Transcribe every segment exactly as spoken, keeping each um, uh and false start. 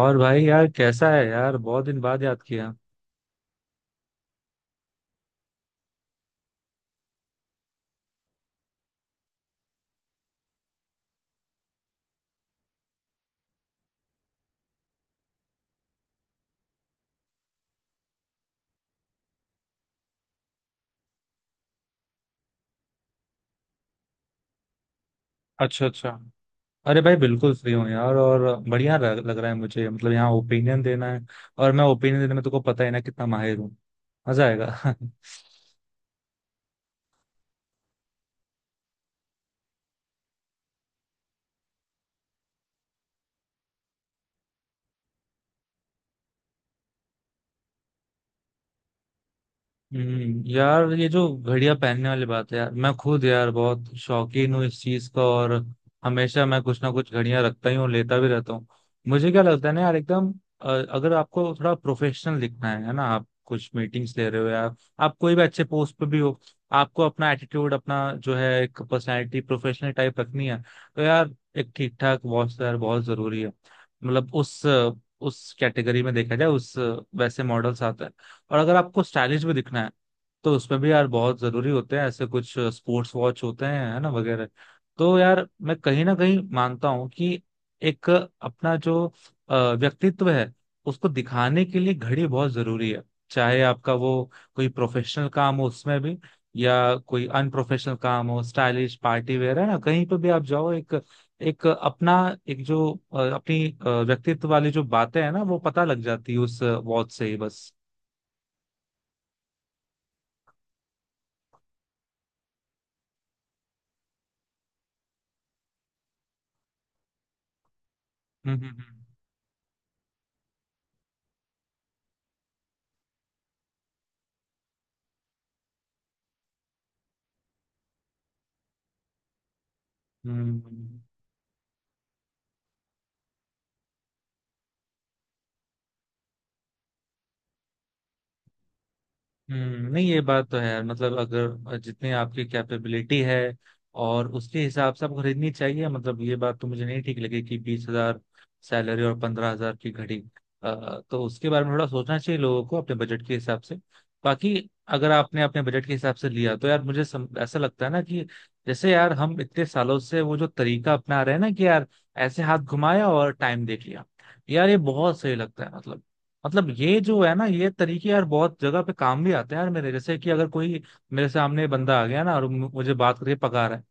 और भाई यार कैसा है यार, बहुत दिन बाद याद किया। अच्छा, अच्छा। अरे भाई बिल्कुल फ्री हूँ यार, और बढ़िया लग लग रहा है मुझे। मतलब यहाँ ओपिनियन देना है, और मैं ओपिनियन देने में तुमको पता ही ना कितना माहिर हूँ। मजा आएगा। हम्म। यार ये जो घड़ियां पहनने वाली बात है यार, मैं खुद यार बहुत शौकीन हूँ इस चीज का। और हमेशा मैं कुछ ना कुछ घड़ियां रखता ही हूँ, लेता भी रहता हूँ। मुझे क्या लगता है ना यार, एकदम अ, अगर आपको थोड़ा प्रोफेशनल दिखना है है ना, आप कुछ मीटिंग्स ले रहे हो यार, आप कोई भी अच्छे पोस्ट पे भी हो, आपको अपना एटीट्यूड, अपना जो है एक पर्सनैलिटी प्रोफेशनल टाइप रखनी है। तो यार एक ठीक ठाक वॉच तो यार बहुत जरूरी है। मतलब उस उस कैटेगरी में देखा जाए, उस वैसे मॉडल्स आते हैं। और अगर आपको स्टाइलिश भी दिखना है तो उसमें भी यार बहुत जरूरी होते हैं, ऐसे कुछ स्पोर्ट्स वॉच होते हैं, है ना, वगैरह। तो यार मैं कहीं ना कहीं मानता हूँ कि एक अपना जो अ, व्यक्तित्व है, उसको दिखाने के लिए घड़ी बहुत जरूरी है। चाहे आपका वो कोई प्रोफेशनल काम हो उसमें भी, या कोई अनप्रोफेशनल काम हो, स्टाइलिश पार्टी वेयर, है ना, कहीं पे भी आप जाओ, एक एक अपना एक जो अ, अपनी अ, व्यक्तित्व वाली जो बातें हैं ना, वो पता लग जाती है उस वॉच से ही, बस। हम्म, हम्म, हम्म। हम्म, नहीं ये बात तो है यार, मतलब अगर जितनी आपकी कैपेबिलिटी है और उसके हिसाब से आपको खरीदनी चाहिए। मतलब ये बात तो मुझे नहीं ठीक लगी, कि बीस हजार सैलरी और पंद्रह हजार की घड़ी। अ, तो उसके बारे में थोड़ा सोचना चाहिए लोगों को अपने बजट के हिसाब से। बाकी अगर आपने अपने बजट के हिसाब से लिया, तो यार मुझे सम, ऐसा लगता है ना, कि जैसे यार हम इतने सालों से वो जो तरीका अपना रहे हैं ना, कि यार ऐसे हाथ घुमाया और टाइम देख लिया। यार ये बहुत सही लगता है। मतलब मतलब ये जो है ना, ये तरीके यार बहुत जगह पे काम भी आते हैं यार। मेरे जैसे कि अगर कोई मेरे सामने बंदा आ गया ना और मु- मुझे बात करके पका रहा है,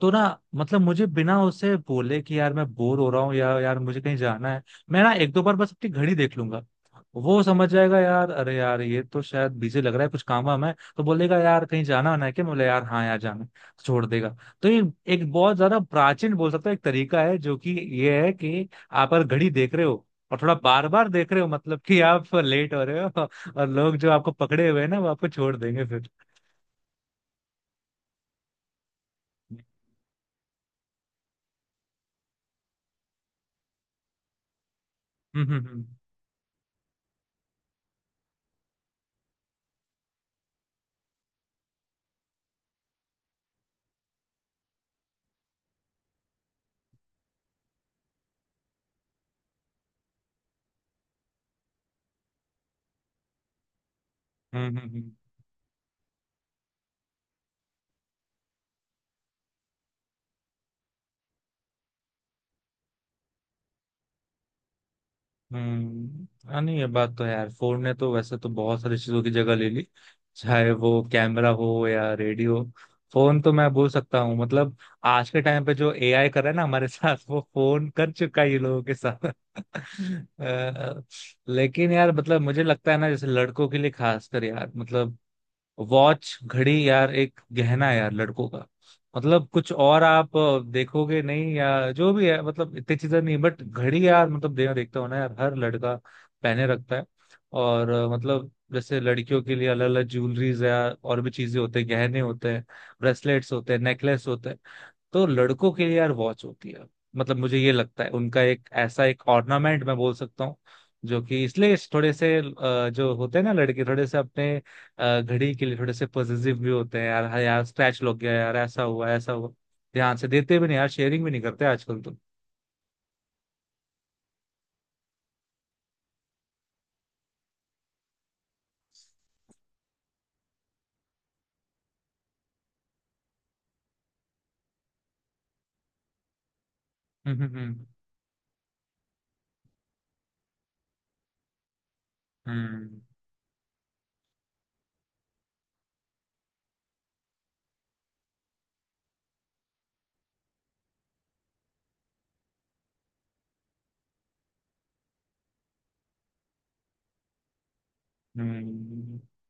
तो ना मतलब मुझे बिना उसे बोले कि यार मैं बोर हो रहा हूँ या यार मुझे कहीं जाना है, मैं ना एक दो बार बस अपनी घड़ी देख लूंगा। वो समझ जाएगा यार, अरे यार ये तो शायद बिजी लग रहा है, कुछ काम वाम है, तो बोलेगा यार कहीं जाना होना है क्या, मैं बोले यार हाँ यार जाना है, छोड़ देगा। तो ये एक बहुत ज्यादा प्राचीन बोल सकता है एक तरीका है, जो कि ये है कि आप अगर घड़ी देख रहे हो और थोड़ा बार बार देख रहे हो, मतलब कि आप लेट हो रहे हो, और लोग जो आपको पकड़े हुए हैं ना, वो आपको छोड़ देंगे फिर। हम्म, हम्म, हम्म, हम्म, हम्म, हम्म। हम्म। हाँ, नहीं ये बात तो है यार, फोन ने तो वैसे तो बहुत सारी चीजों की जगह ले ली। चाहे वो कैमरा हो या रेडियो। फोन तो मैं बोल सकता हूँ, मतलब आज के टाइम पे जो ए आई कर रहा है ना हमारे साथ, वो फोन कर चुका है ये लोगों के साथ। अ, लेकिन यार मतलब मुझे लगता है ना, जैसे लड़कों के लिए खासकर, यार मतलब वॉच, घड़ी यार एक गहना है यार, लड़कों का। मतलब कुछ और आप अ, देखोगे नहीं, या जो भी है, मतलब इतनी चीजें नहीं, बट घड़ी यार मतलब दे, देखता हूं ना यार, हर लड़का पहने रखता है। और अ, मतलब जैसे लड़कियों के लिए अलग अलग ज्वेलरीज है यार, और भी चीजें होते हैं, गहने होते हैं, ब्रेसलेट्स होते हैं, नेकलेस होते हैं। तो लड़कों के लिए यार वॉच होती है। मतलब मुझे ये लगता है, उनका एक ऐसा एक ऑर्नामेंट मैं बोल सकता हूँ, जो कि इसलिए इस थोड़े से अ, जो होते हैं ना लड़के, थोड़े से अपने अ, घड़ी के लिए थोड़े से पॉजिटिव भी होते हैं यार। हाँ यार स्क्रैच लग गया यार, ऐसा हुआ ऐसा हुआ, ध्यान से देते भी नहीं यार, शेयरिंग भी नहीं करते आजकल तो। हम्म, हम्म, हम्म, हम्म। हम्म,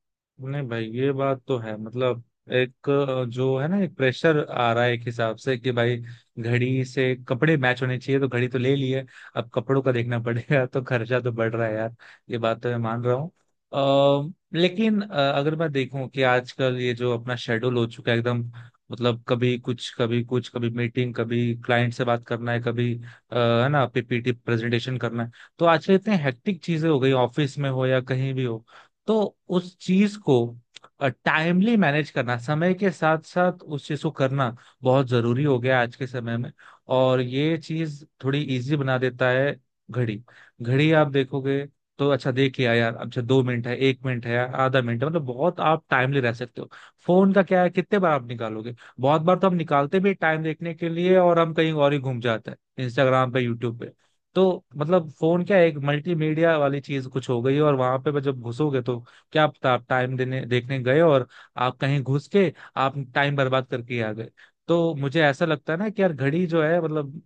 नहीं भाई ये बात तो है। मतलब एक अ, जो है ना एक प्रेशर आ रहा है एक हिसाब से, कि भाई घड़ी से कपड़े मैच होने चाहिए, तो घड़ी तो ले ली है, अब कपड़ों का देखना पड़ेगा, तो खर्चा तो बढ़ रहा है यार। ये बात तो मैं मान रहा हूँ। अ, लेकिन अ, अगर मैं देखूं, कि आजकल ये जो अपना शेड्यूल हो चुका है एकदम, मतलब कभी कुछ कभी कुछ, कभी मीटिंग, कभी क्लाइंट से बात करना है, कभी अ, है ना पी पी टी प्रेजेंटेशन करना है। तो आजकल इतने हेक्टिक चीजें हो गई, ऑफिस में हो या कहीं भी हो। तो उस चीज को टाइमली मैनेज करना, समय के साथ साथ उस चीज को करना बहुत जरूरी हो गया आज के समय में। और ये चीज थोड़ी इजी बना देता है, घड़ी। घड़ी आप देखोगे तो अच्छा, देख लिया यार, अच्छा दो मिनट है, एक मिनट है, आधा मिनट है, मतलब बहुत आप टाइमली रह सकते हो। फोन का क्या है, कितने बार आप निकालोगे, बहुत बार तो हम निकालते भी टाइम देखने के लिए, और हम कहीं और ही घूम जाते हैं, इंस्टाग्राम पे, यूट्यूब पे। तो मतलब फोन क्या है, एक मल्टीमीडिया वाली चीज कुछ हो गई है, और वहां पे जब घुसोगे, तो क्या पता आप टाइम देने देखने गए, और आप कहीं घुस के आप टाइम बर्बाद करके आ गए। तो मुझे ऐसा लगता है ना, कि यार घड़ी जो है, मतलब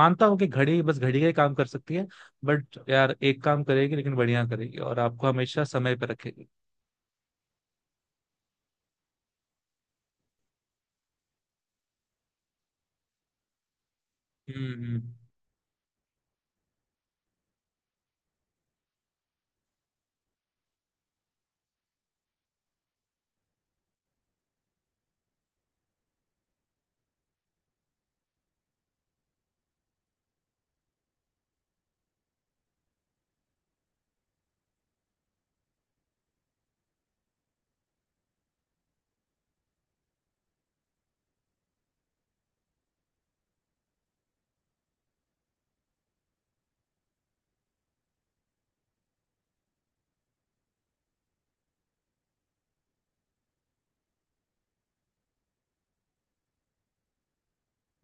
मानता हूँ कि घड़ी बस घड़ी का ही काम कर सकती है, बट यार एक काम करेगी लेकिन बढ़िया करेगी, और आपको हमेशा समय पर रखेगी। हम्म,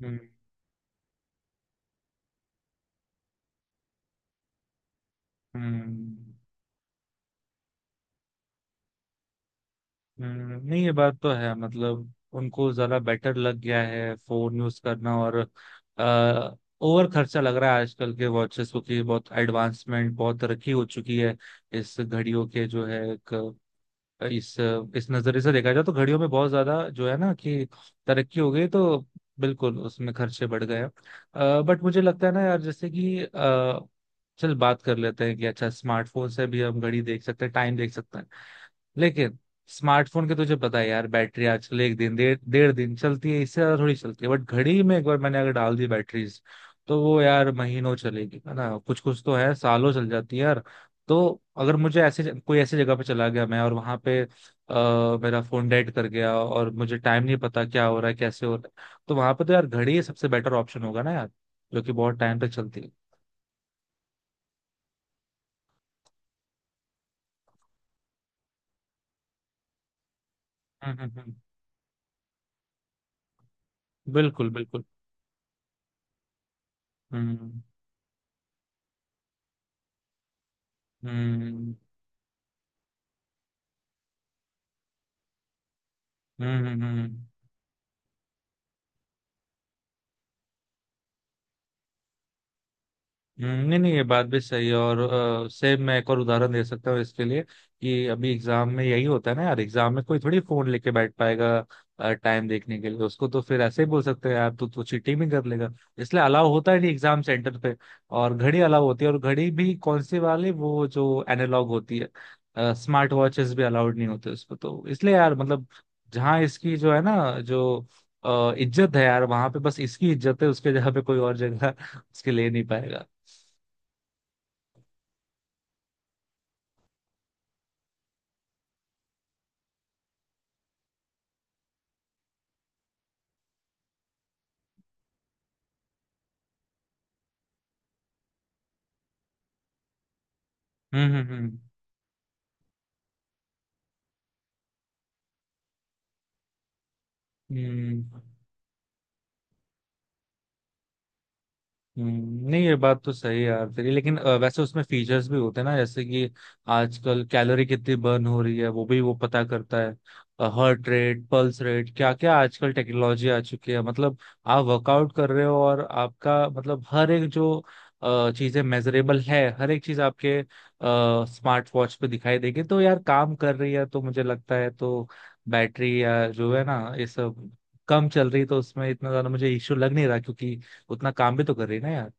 हम्म, हम्म, हम्म। हम्म, नहीं ये बात तो है, मतलब उनको जरा बेटर लग गया है फोन यूज करना। और आ, ओवर खर्चा लग रहा है आजकल के वॉचेस को, कि बहुत एडवांसमेंट, बहुत तरक्की हो चुकी है इस घड़ियों के जो है एक, इस इस नजरिए से देखा जाए, तो घड़ियों में बहुत ज्यादा जो है ना कि तरक्की हो गई, तो बिल्कुल उसमें खर्चे बढ़ गए। बट मुझे लगता है ना यार, जैसे कि अ, चल बात कर लेते हैं, कि अच्छा स्मार्टफोन से भी हम घड़ी देख सकते हैं, टाइम देख सकते हैं। लेकिन स्मार्टफोन के, तुझे पता है यार, बैटरी आजकल एक दिन, डेढ़ डेढ़ दिन चलती है, इससे ज्यादा थोड़ी चलती है। बट घड़ी में एक बार मैंने अगर डाल दी बैटरीज, तो वो यार महीनों चलेगी, है ना, कुछ कुछ तो है सालों चल जाती है यार। तो अगर मुझे ऐसे कोई, ऐसी जगह पे चला गया मैं और वहां पे आ, मेरा फोन डेड कर गया, और मुझे टाइम नहीं पता क्या हो रहा है, कैसे हो रहा है, तो वहां पे तो यार घड़ी सबसे बेटर ऑप्शन होगा ना यार, जो कि बहुत टाइम तक चलती है। हम्म, हम्म, हम्म। बिल्कुल, बिल्कुल। हम्म, हम्म, हम्म, हम्म, हम्म। हम्म, नहीं नहीं, ये बात भी सही है, और अ, सेम मैं एक और उदाहरण दे सकता हूँ इसके लिए, कि अभी एग्जाम में यही होता है ना यार, एग्जाम में कोई थोड़ी फोन लेके बैठ पाएगा टाइम देखने के लिए, उसको तो फिर ऐसे ही बोल सकते हैं यार तू तो चीटिंग भी कर लेगा, इसलिए अलाउ होता है नहीं एग्जाम सेंटर पे। और घड़ी अलाउ होती है, और घड़ी भी कौन सी वाली, वो जो एनालॉग होती है, स्मार्ट वॉचेस भी अलाउड नहीं होते उसको। तो इसलिए यार मतलब, जहाँ इसकी जो है ना, जो अ, इज्जत है यार, वहां पे बस इसकी इज्जत है, उसके जगह पे कोई और जगह उसके ले नहीं पाएगा। हम्म, हम्म, हम्म, हम्म। हम्म, नहीं ये बात तो सही है यार तेरी, लेकिन अ, वैसे उसमें फीचर्स भी होते हैं ना, जैसे कि आजकल कैलोरी कितनी बर्न हो रही है, वो भी वो पता करता है, हार्ट रेट, पल्स रेट, क्या क्या आजकल टेक्नोलॉजी आ चुकी है, मतलब आप वर्कआउट कर रहे हो, और आपका मतलब हर एक जो अ, चीजें मेजरेबल है, हर एक चीज आपके स्मार्ट वॉच पे दिखाई देगी, तो यार काम कर रही है। तो मुझे लगता है, तो बैटरी या जो है ना ये सब कम चल रही, तो उसमें इतना ज्यादा मुझे इश्यू लग नहीं रहा, क्योंकि उतना काम भी तो कर रही है ना यार।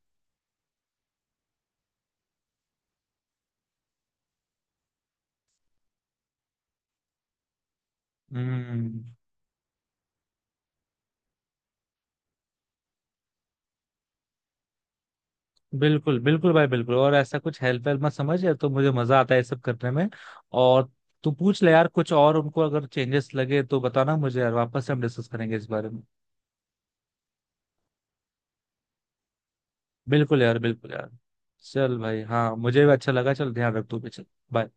हम्म। बिल्कुल, बिल्कुल भाई, बिल्कुल, और ऐसा कुछ हेल्प वेल्प मत समझ यार, तो मुझे मजा आता है ये सब करने में। और तू पूछ ले यार कुछ और, उनको अगर चेंजेस लगे तो बताना मुझे यार, वापस से हम डिस्कस करेंगे इस बारे में। बिल्कुल यार, बिल्कुल यार। चल भाई, हाँ मुझे भी अच्छा लगा, चल ध्यान रख तू भी, चल बाय।